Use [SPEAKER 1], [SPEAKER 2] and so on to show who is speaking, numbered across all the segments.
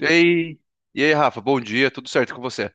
[SPEAKER 1] E aí, e aí, Rafa, bom dia, tudo certo com você?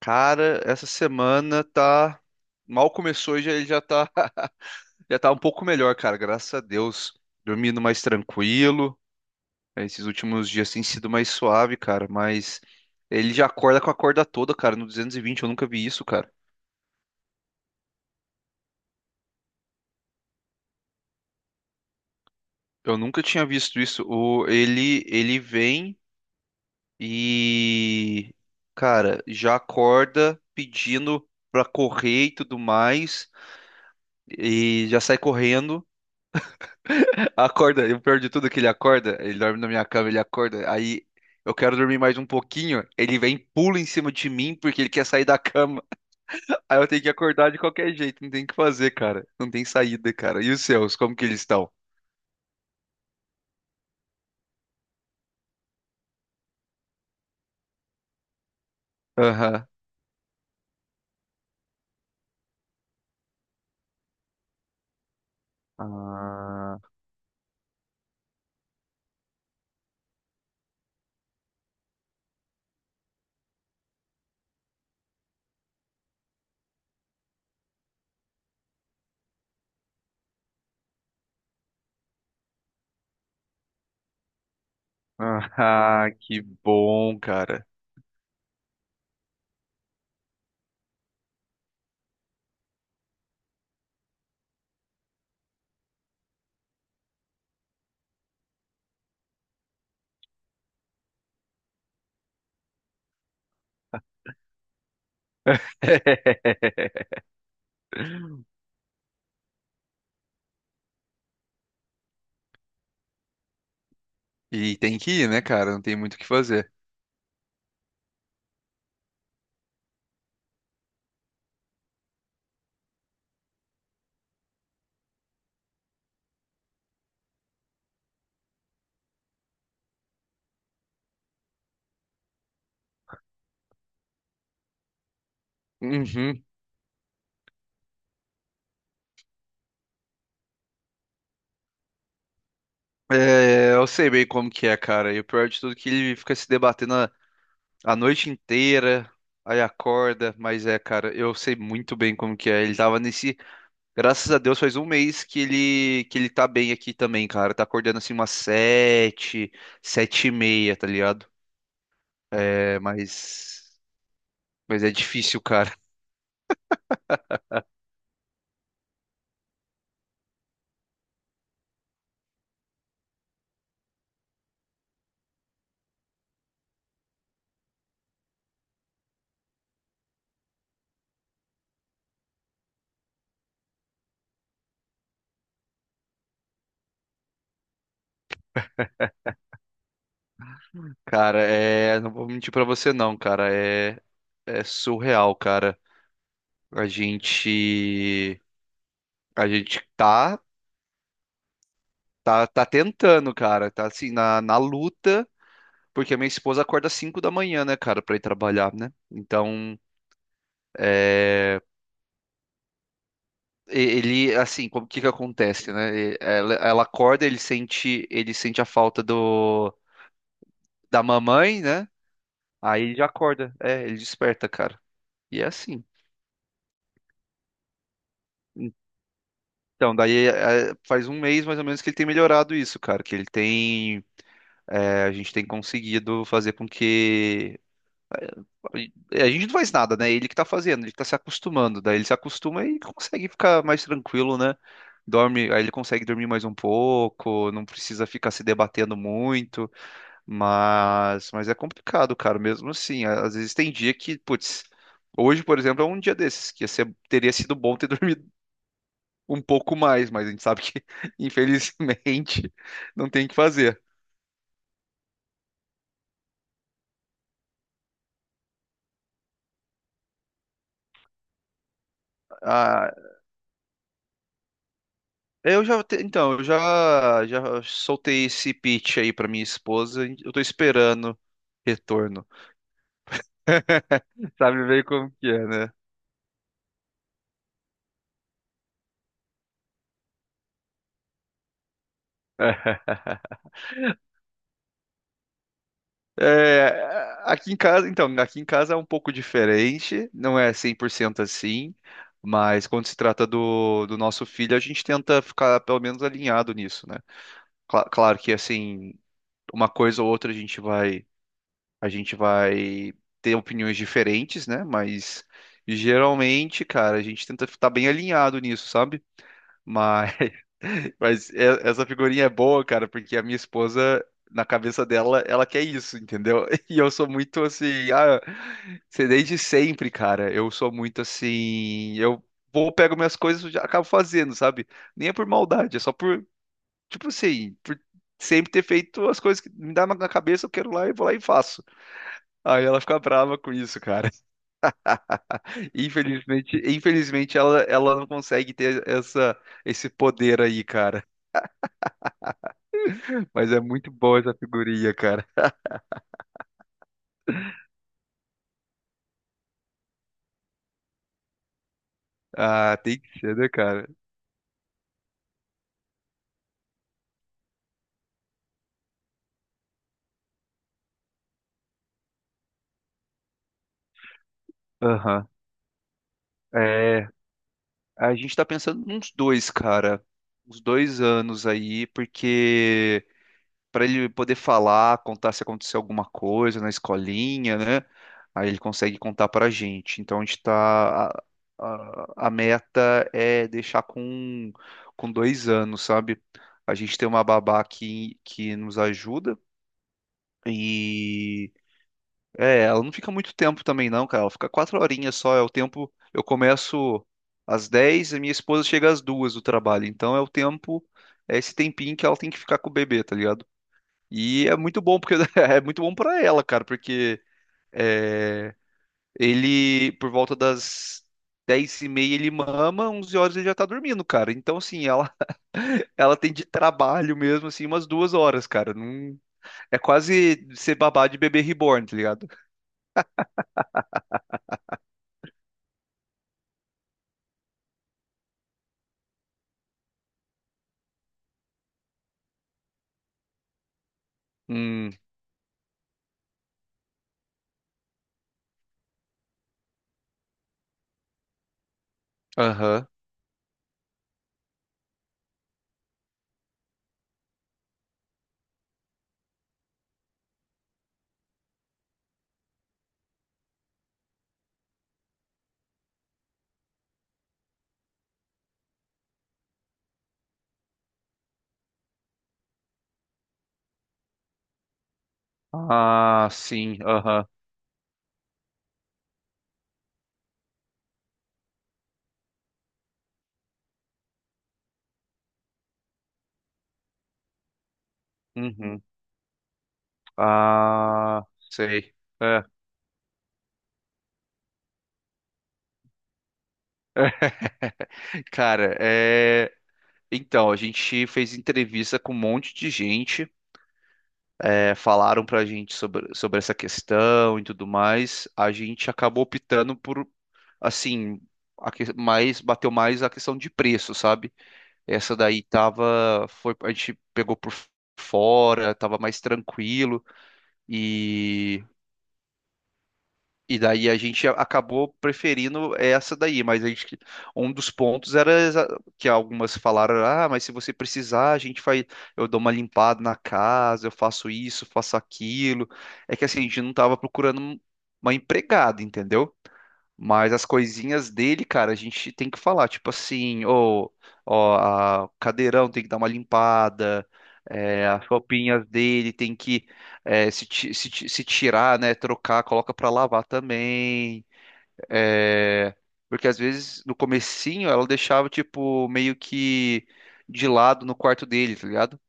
[SPEAKER 1] Cara, essa semana tá. Mal começou e ele já tá... já tá um pouco melhor, cara, graças a Deus. Dormindo mais tranquilo. Esses últimos dias tem sido mais suave, cara, mas ele já acorda com a corda toda, cara, no 220 eu nunca vi isso, cara. Eu nunca tinha visto isso. O... Ele... ele vem e. Cara, já acorda pedindo pra correr e tudo mais, e já sai correndo. Acorda, e o pior de tudo é que ele acorda, ele dorme na minha cama, ele acorda, aí eu quero dormir mais um pouquinho, ele vem, e pula em cima de mim porque ele quer sair da cama. Aí eu tenho que acordar de qualquer jeito, não tem o que fazer, cara. Não tem saída, cara. E os seus, como que eles estão? Aham. Ah, ah, que bom, cara. E tem que ir, né, cara? Não tem muito o que fazer. Uhum. É, eu sei bem como que é, cara. E o pior de tudo é que ele fica se debatendo a noite inteira, aí acorda, mas é, cara, eu sei muito bem como que é. Graças a Deus, faz um mês que ele tá bem aqui também, cara. Tá acordando assim umas sete, sete e meia, tá ligado? É, mas é difícil, cara. Cara, é, não vou mentir pra você não, cara. É surreal, cara. A gente a gente tá tentando, cara. Tá assim na luta. Porque a minha esposa acorda às 5 da manhã, né, cara, pra ir trabalhar, né? Então, é, e- ele, assim, como o que que acontece, né? E- Ela acorda, ele sente a falta do da mamãe, né? Aí ele já acorda, ele desperta, cara. E é assim. Então, faz um mês mais ou menos que ele tem melhorado isso, cara, que ele tem, é, a gente tem conseguido fazer com que É, a gente não faz nada, né? Ele que tá fazendo, ele que tá se acostumando. Daí ele se acostuma e consegue ficar mais tranquilo, né? Dorme, aí ele consegue dormir mais um pouco, não precisa ficar se debatendo muito, mas, é complicado, cara, mesmo assim. Às vezes tem dia que, putz, hoje, por exemplo, é um dia desses, que ia ser- teria sido bom ter dormido um pouco mais, mas a gente sabe que, infelizmente, não tem o que fazer. Ah, é, então, já soltei esse pitch aí pra minha esposa. Eu tô esperando retorno. Sabe bem como que é, né? É, aqui em casa é um pouco diferente, não é 100% assim, mas quando se trata do nosso filho, a gente tenta ficar pelo menos alinhado nisso, né? Cla- claro que, assim, uma coisa ou outra a gente vai ter opiniões diferentes, né? Mas geralmente, cara, a gente tenta estar bem alinhado nisso, sabe? Mas, mas é- essa figurinha é boa, cara, porque a minha esposa, na cabeça dela, ela quer isso, entendeu? E eu sou muito assim, ah, sei desde sempre, cara. Eu sou muito assim, eu vou, pego minhas coisas e já acabo fazendo, sabe? Nem é por maldade, é só por, tipo assim, por sempre ter feito as coisas que me dá na cabeça, eu quero lá e vou lá e faço. Aí ela fica brava com isso, cara. Infelizmente, ela, ela não consegue ter essa, esse poder aí, cara. Mas é muito boa essa figurinha, cara. Ah, tem que ser, né, cara? Aham. É, a gente tá pensando uns dois, cara. Uns dois anos aí, porque para ele poder falar, contar se aconteceu alguma coisa na escolinha, né? Aí ele consegue contar para a gente. Então a gente tá. A meta é deixar com dois anos, sabe? A gente tem uma babá que nos ajuda. E é, ela não fica muito tempo também, não, cara. Ela fica quatro horinhas só. É o tempo. Eu começo às 10 e minha esposa chega às duas do trabalho. Então é o tempo, é esse tempinho que ela tem que ficar com o bebê, tá ligado? E é muito bom, porque é muito bom pra ela, cara, porque é, ele, por volta das 10 e meia, ele mama, 11 horas ele já tá dormindo, cara. Então, assim, ela, ela tem de trabalho mesmo, assim, umas duas horas, cara. Não, é quase ser babá de bebê reborn, tá ligado? Hum, aham. Ah, sim, aham. Uhum. Ah, sei. É. Cara, é... então, a gente fez entrevista com um monte de gente. É, falaram para a gente sobre essa questão e tudo mais, a gente acabou optando por, assim, a que- mais, bateu mais a questão de preço, sabe? Essa daí tava, foi, a gente pegou por fora, tava mais tranquilo e daí a gente a- acabou preferindo essa daí, mas a gente, um dos pontos era exa- que algumas falaram, ah, mas se você precisar, a gente faz, eu dou uma limpada na casa, eu faço isso, faço aquilo. É que assim, a gente não estava procurando um- uma empregada, entendeu? Mas as coisinhas dele, cara, a gente tem que falar, tipo assim, ô, ó, a- o cadeirão tem que dar uma limpada, é, as roupinhas dele tem que é, se tirar, né, trocar, coloca pra lavar também, é, porque às vezes no comecinho ela deixava, tipo, meio que de lado no quarto dele, tá ligado?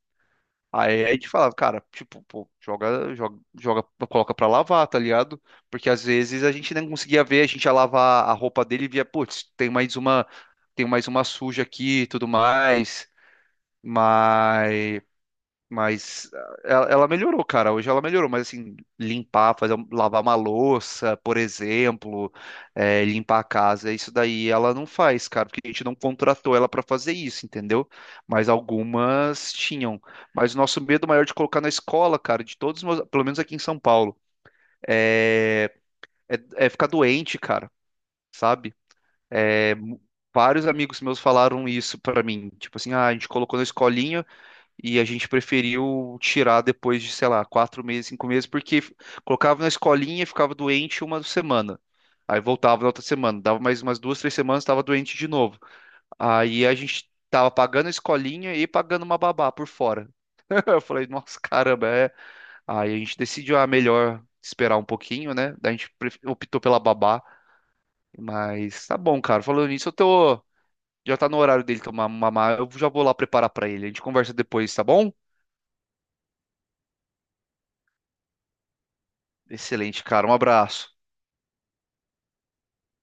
[SPEAKER 1] Aí a gente falava, cara, tipo, pô, joga, coloca pra lavar, tá ligado? Porque às vezes a gente não conseguia ver, a gente ia lavar a roupa dele e via, putz, tem mais uma suja aqui e tudo mais. Mas ah, ela melhorou, cara. Hoje ela melhorou, mas assim, limpar, fazer, um- lavar uma louça, por exemplo, eh, limpar a casa, isso daí ela não faz, cara, porque a gente não contratou ela pra fazer isso, entendeu? Mas algumas tinham. Mas o nosso medo maior de colocar na escola, cara, de todos, os meus- pelo menos aqui em São Paulo, é, é, é ficar doente, cara, sabe? É, mu- vários amigos meus falaram isso pra mim, tipo assim, ah, a gente colocou na escolinha. E a gente preferiu tirar depois de, sei lá, 4 meses, 5 meses, porque f- colocava na escolinha, ficava doente uma semana. Aí voltava na outra semana, dava mais umas duas, três semanas, estava doente de novo. Aí a gente tava pagando a escolinha e pagando uma babá por fora. Eu falei, nossa, caramba, é. Aí a gente decidiu, ah, melhor esperar um pouquinho, né? Daí a gente pref- optou pela babá, mas tá bom, cara. Falando nisso, eu tô. Já tá no horário dele tomar mamar, eu já vou lá preparar pra ele. A gente conversa depois, tá bom? Excelente, cara. Um abraço.